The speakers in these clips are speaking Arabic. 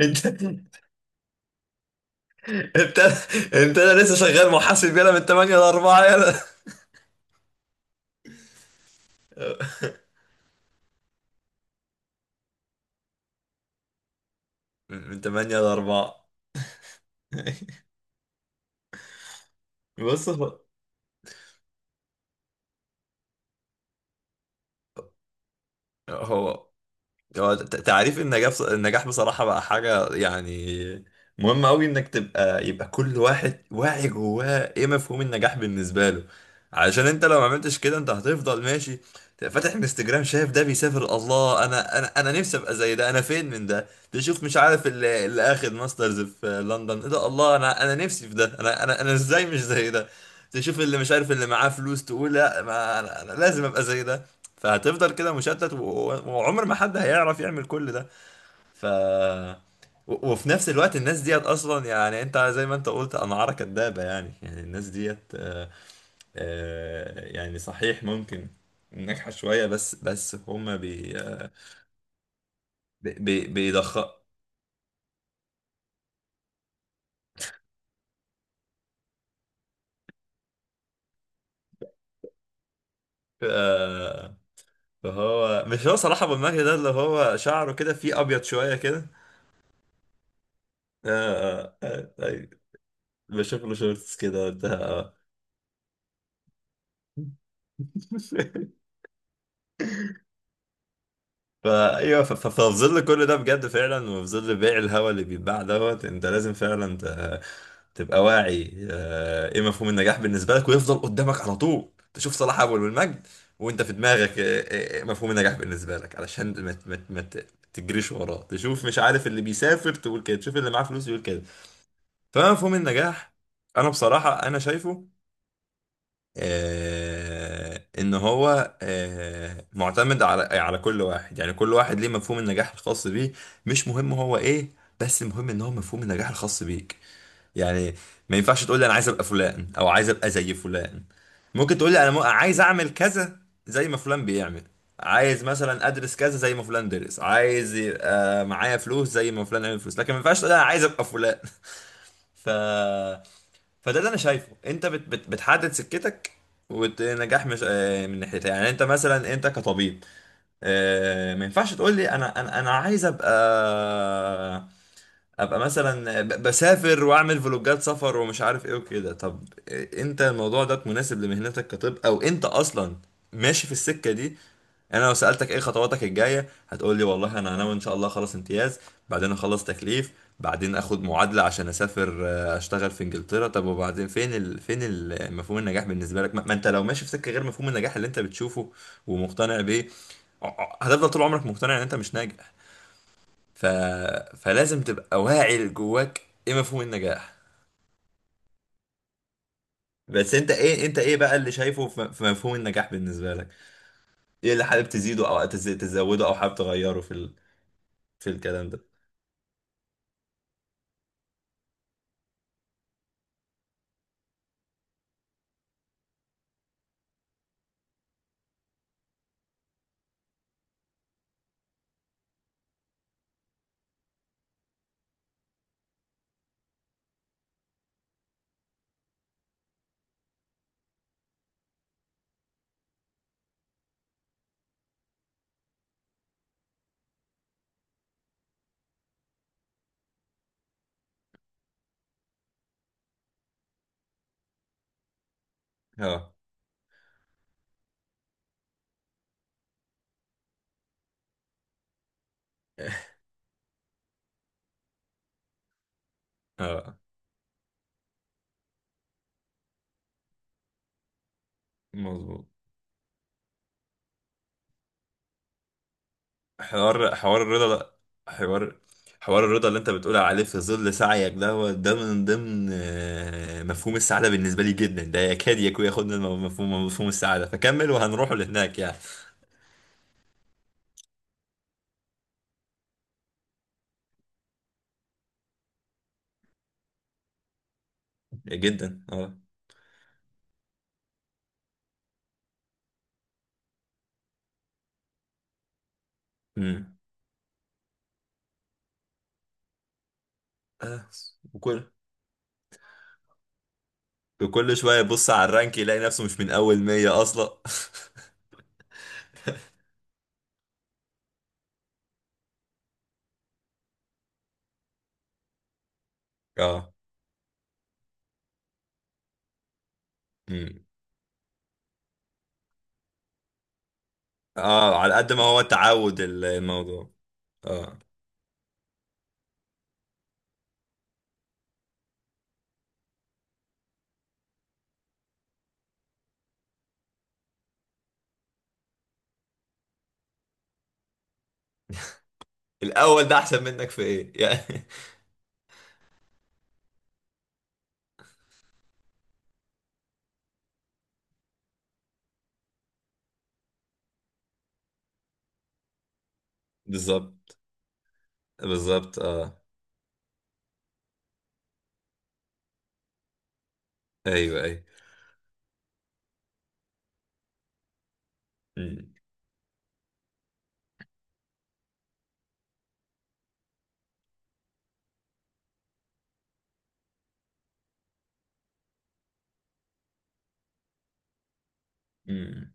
انت انت انت لسه الاربعه من 8 ل 4 بص هو تعريف النجاح النجاح بصراحة بقى حاجة مهم أوي إنك تبقى يبقى كل واحد واعي جواه إيه مفهوم النجاح بالنسبة له، علشان أنت لو ما عملتش كده أنت هتفضل ماشي، تبقى فاتح انستجرام شايف ده بيسافر، الله أنا أنا أنا نفسي أبقى زي ده، أنا فين من ده، تشوف مش عارف اللي آخد ماسترز في لندن، إيه ده، الله أنا أنا نفسي في ده، أنا أنا أنا إزاي مش زي ده، تشوف اللي مش عارف اللي معاه فلوس تقول لا ما أنا أنا لازم أبقى زي ده. فهتفضل كده مشتت، وعمر ما حد هيعرف يعمل كل ده. ف وفي نفس الوقت الناس ديت اصلا، يعني انت زي ما انت قلت انعارة كدابة، يعني يعني الناس ديت يعني صحيح ممكن ناجحة شوية، بس هما بيضخ. آه، فهو مش هو صلاح ابو المهدي ده اللي هو شعره كده فيه ابيض شوية كده؟ أيوة. بشوف له شورتس كده وبتاع. ففي ظل كل ده بجد فعلا، وفي ظل بيع الهوا اللي بيتباع دوت انت لازم فعلا تبقى واعي ايه مفهوم النجاح بالنسبه لك، ويفضل قدامك على طول تشوف صلاح اول والمجد وانت في دماغك مفهوم النجاح بالنسبه لك، علشان ما ت- ما ت- ما ت- تجريش وراه، تشوف مش عارف اللي بيسافر تقول كده، تشوف اللي معاه فلوس يقول كده. فمفهوم النجاح انا بصراحه انا شايفه ان هو معتمد على كل واحد، يعني كل واحد ليه مفهوم النجاح الخاص بيه، مش مهم هو ايه، بس المهم ان هو مفهوم النجاح الخاص بيك. يعني ما ينفعش تقول لي انا عايز ابقى فلان او عايز ابقى زي فلان، ممكن تقول لي انا عايز اعمل كذا زي ما فلان بيعمل، عايز مثلا ادرس كذا زي ما فلان درس، عايز يبقى معايا فلوس زي ما فلان عمل فلوس، لكن ما ينفعش تقول لي انا عايز ابقى فلان. ف فده اللي انا شايفه، انت بت بت بتحدد سكتك. والنجاح مش من ناحيتها، يعني انت مثلا انت كطبيب ما ينفعش تقول لي انا عايز ابقى ابقى مثلا بسافر واعمل فلوجات سفر ومش عارف ايه وكده. طب انت الموضوع ده مناسب لمهنتك كطب، او انت اصلا ماشي في السكة دي؟ يعني انا لو سألتك ايه خطواتك الجاية هتقول لي والله انا ناوي ان شاء الله اخلص امتياز، بعدين اخلص تكليف، بعدين اخد معادلة عشان اسافر اشتغل في انجلترا. طب وبعدين فين فين مفهوم النجاح بالنسبة لك؟ ما ما انت لو ماشي في سكة غير مفهوم النجاح اللي انت بتشوفه ومقتنع بيه، هتفضل طول عمرك مقتنع ان انت مش ناجح. ف... فلازم تبقى واعي لجواك ايه مفهوم النجاح. بس انت ايه، بقى اللي شايفه في في مفهوم النجاح بالنسبه لك؟ ايه اللي حابب تزيده او تزوده او حابب تغيره في في الكلام ده؟ اه اه مظبوط. حوار الرضا ده، حوار الرضا اللي انت بتقول عليه في ظل سعيك ده، هو ده من ضمن مفهوم السعادة بالنسبة لي جدا، ده يكاد يكون ياخدنا مفهوم مفهوم السعادة، فكمل وهنروح لهناك يعني. جدا اه. امم. آه. وكل وكل شوية يبص على الرانك يلاقي نفسه مش من أول 100 أصلا. اه. مم. اه، على قد ما هو تعود الموضوع. اه. الأول ده أحسن منك في إيه يعني؟ بالظبط، بالظبط اه. أيوه أيوه. مم. مم.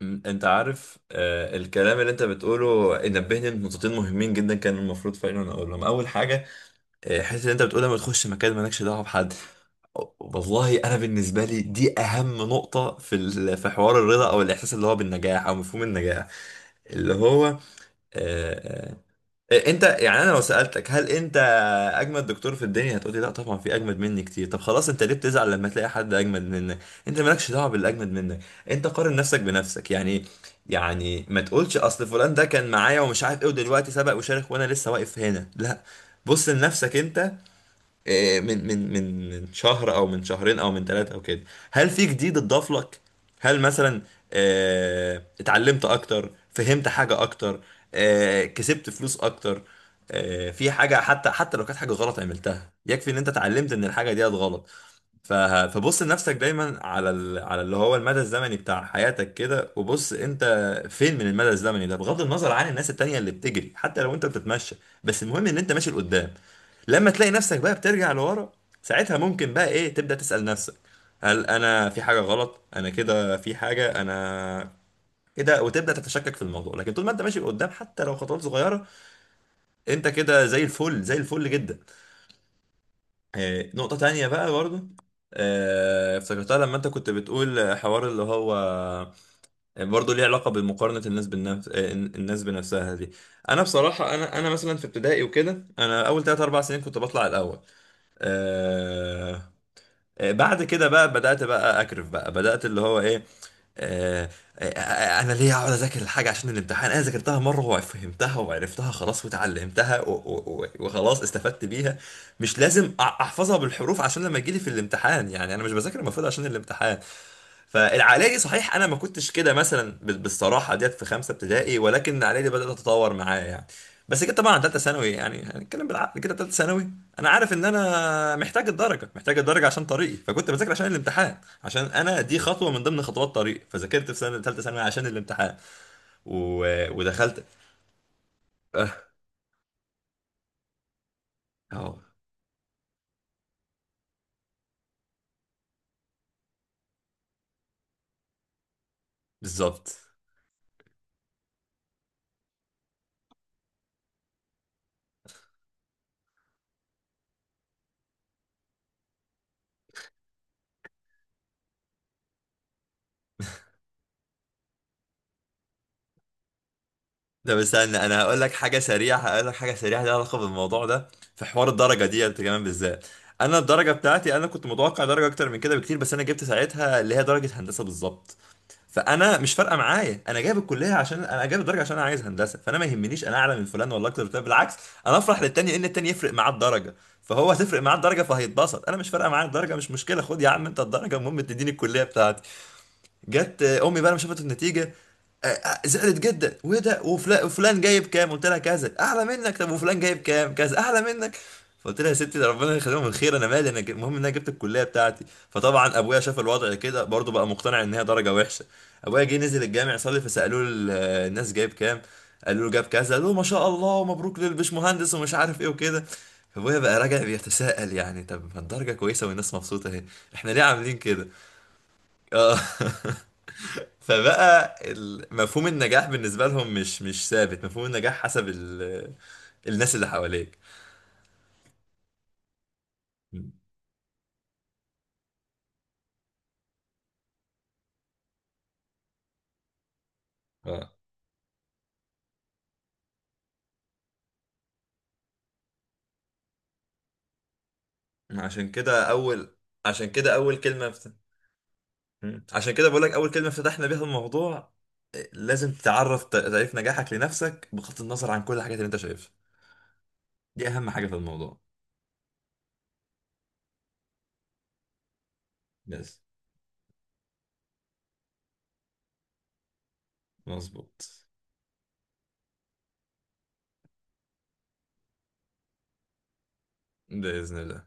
مم. أنت عارف الكلام اللي أنت بتقوله نبهني لنقطتين مهمين جدا، كان المفروض فعلا أقولهم أول حاجة. الحته اللي انت بتقولها ما تخش مكان مالكش دعوه بحد، والله انا بالنسبه لي دي اهم نقطه في في حوار الرضا او الاحساس اللي هو بالنجاح او مفهوم النجاح اللي هو آه، انت، يعني انا لو سالتك هل انت اجمد دكتور في الدنيا هتقولي لا طبعا في اجمد مني كتير. طب خلاص، انت ليه بتزعل لما تلاقي حد اجمد منك؟ انت مالكش دعوه باللي اجمد منك، انت قارن نفسك بنفسك يعني. يعني ما تقولش اصل فلان ده كان معايا ومش عارف ايه ودلوقتي سبق وشارك وانا لسه واقف هنا، لا، بص لنفسك انت من من شهر او من شهرين او من ثلاثه او كده، هل في جديد اتضاف لك؟ هل مثلا اتعلمت اكتر، فهمت حاجه اكتر، كسبت فلوس اكتر، في حاجه، حتى حتى لو كانت حاجه غلط عملتها يكفي ان انت اتعلمت ان الحاجه دي غلط. ف- فبص لنفسك دايما على على اللي هو المدى الزمني بتاع حياتك كده، وبص انت فين من المدى الزمني ده بغض النظر عن الناس التانية اللي بتجري، حتى لو انت بتتمشى بس المهم ان انت ماشي لقدام. لما تلاقي نفسك بقى بترجع لورا، ساعتها ممكن بقى ايه تبدأ تسأل نفسك هل انا في حاجة غلط، انا كده في حاجة انا كده، وتبدأ تتشكك في الموضوع، لكن طول ما انت ماشي لقدام حتى لو خطوات صغيرة انت كده زي الفل، زي الفل جدا. نقطة تانية بقى برضو افتكرتها لما انت كنت بتقول حوار اللي هو، برضه ليه علاقة بمقارنة الناس بالنفس، الناس بنفسها دي. انا بصراحة انا مثلا في ابتدائي وكده انا اول 3 4 سنين كنت بطلع الاول، آه، بعد كده بقى بدأت بقى أكرف، بقى بدأت اللي هو إيه، آه، أنا ليه أقعد أذاكر الحاجة عشان الامتحان؟ أنا ذاكرتها مرة وفهمتها وعرفتها خلاص وتعلمتها وخلاص استفدت بيها، مش لازم أحفظها بالحروف عشان لما يجيلي في الامتحان، يعني أنا مش بذاكر المفروض عشان الامتحان. فالعقليه دي صحيح انا ما كنتش كده مثلا بالصراحه ديت في خمسه ابتدائي، ولكن العقليه دي بدات تتطور معايا يعني، بس كده طبعا عن ثالثه ثانوي يعني هنتكلم بالعقل كده ثالثه ثانوي، انا عارف ان انا محتاج الدرجه، محتاج الدرجه عشان طريقي، فكنت بذاكر عشان الامتحان، عشان انا دي خطوه من ضمن خطوات طريقي، فذاكرت في سنه ثالثه ثانوي عشان الامتحان و... ودخلت. اه. آه، بالظبط. ده استنى انا هقول لك حاجه سريعه، هقول لك حاجه سريعه ليها علاقه بالموضوع ده، في حوار الدرجه دي انت كمان بالذات. انا الدرجه بتاعتي انا كنت متوقع درجه اكتر من كده بكتير، بس انا جبت ساعتها اللي هي درجه هندسه بالظبط، فانا مش فارقه معايا انا جايب الكليه عشان انا جايب الدرجه عشان انا عايز هندسه، فانا ما يهمنيش انا اعلى من فلان ولا اكتر من فلان، بالعكس انا افرح للتاني ان التاني يفرق معاه الدرجه، فهو هتفرق معاه الدرجه فهيتبسط، انا مش فارقه معايا الدرجه مش مشكله، خد يا عم انت الدرجه المهم تديني الكليه بتاعتي. جت امي بقى لما شافت النتيجه زعلت جدا، وايه ده، وفلان جايب كام، قلت لها كذا اعلى منك، طب وفلان جايب كام، كذا اعلى منك. فقلت لها يا ستي ده ربنا يخليهم من خير، انا مالي انا المهم ان انا جبت الكليه بتاعتي. فطبعا ابويا شاف الوضع كده برضه بقى مقتنع ان هي درجه وحشه، ابويا جه نزل الجامع يصلي فسالوه الناس جايب كام، قالوا له جاب كذا، قالوا له ما شاء الله ومبروك للبشمهندس ومش عارف ايه وكده، فابويا بقى راجع بيتساءل يعني، طب ما الدرجه كويسه والناس مبسوطه اهي، احنا ليه عاملين كده؟ اه فبقى مفهوم النجاح بالنسبة لهم مش ثابت، مفهوم النجاح حسب الناس اللي حواليك. مم. اه. عشان كده أول عشان كده أول كلمة فت... عشان كده بقولك أول كلمة فتحنا بيها الموضوع إيه، لازم تعرف تعريف نجاحك لنفسك بغض النظر عن كل الحاجات اللي أنت شايفها، دي أهم حاجة في الموضوع. بس مظبوط، بإذن الله.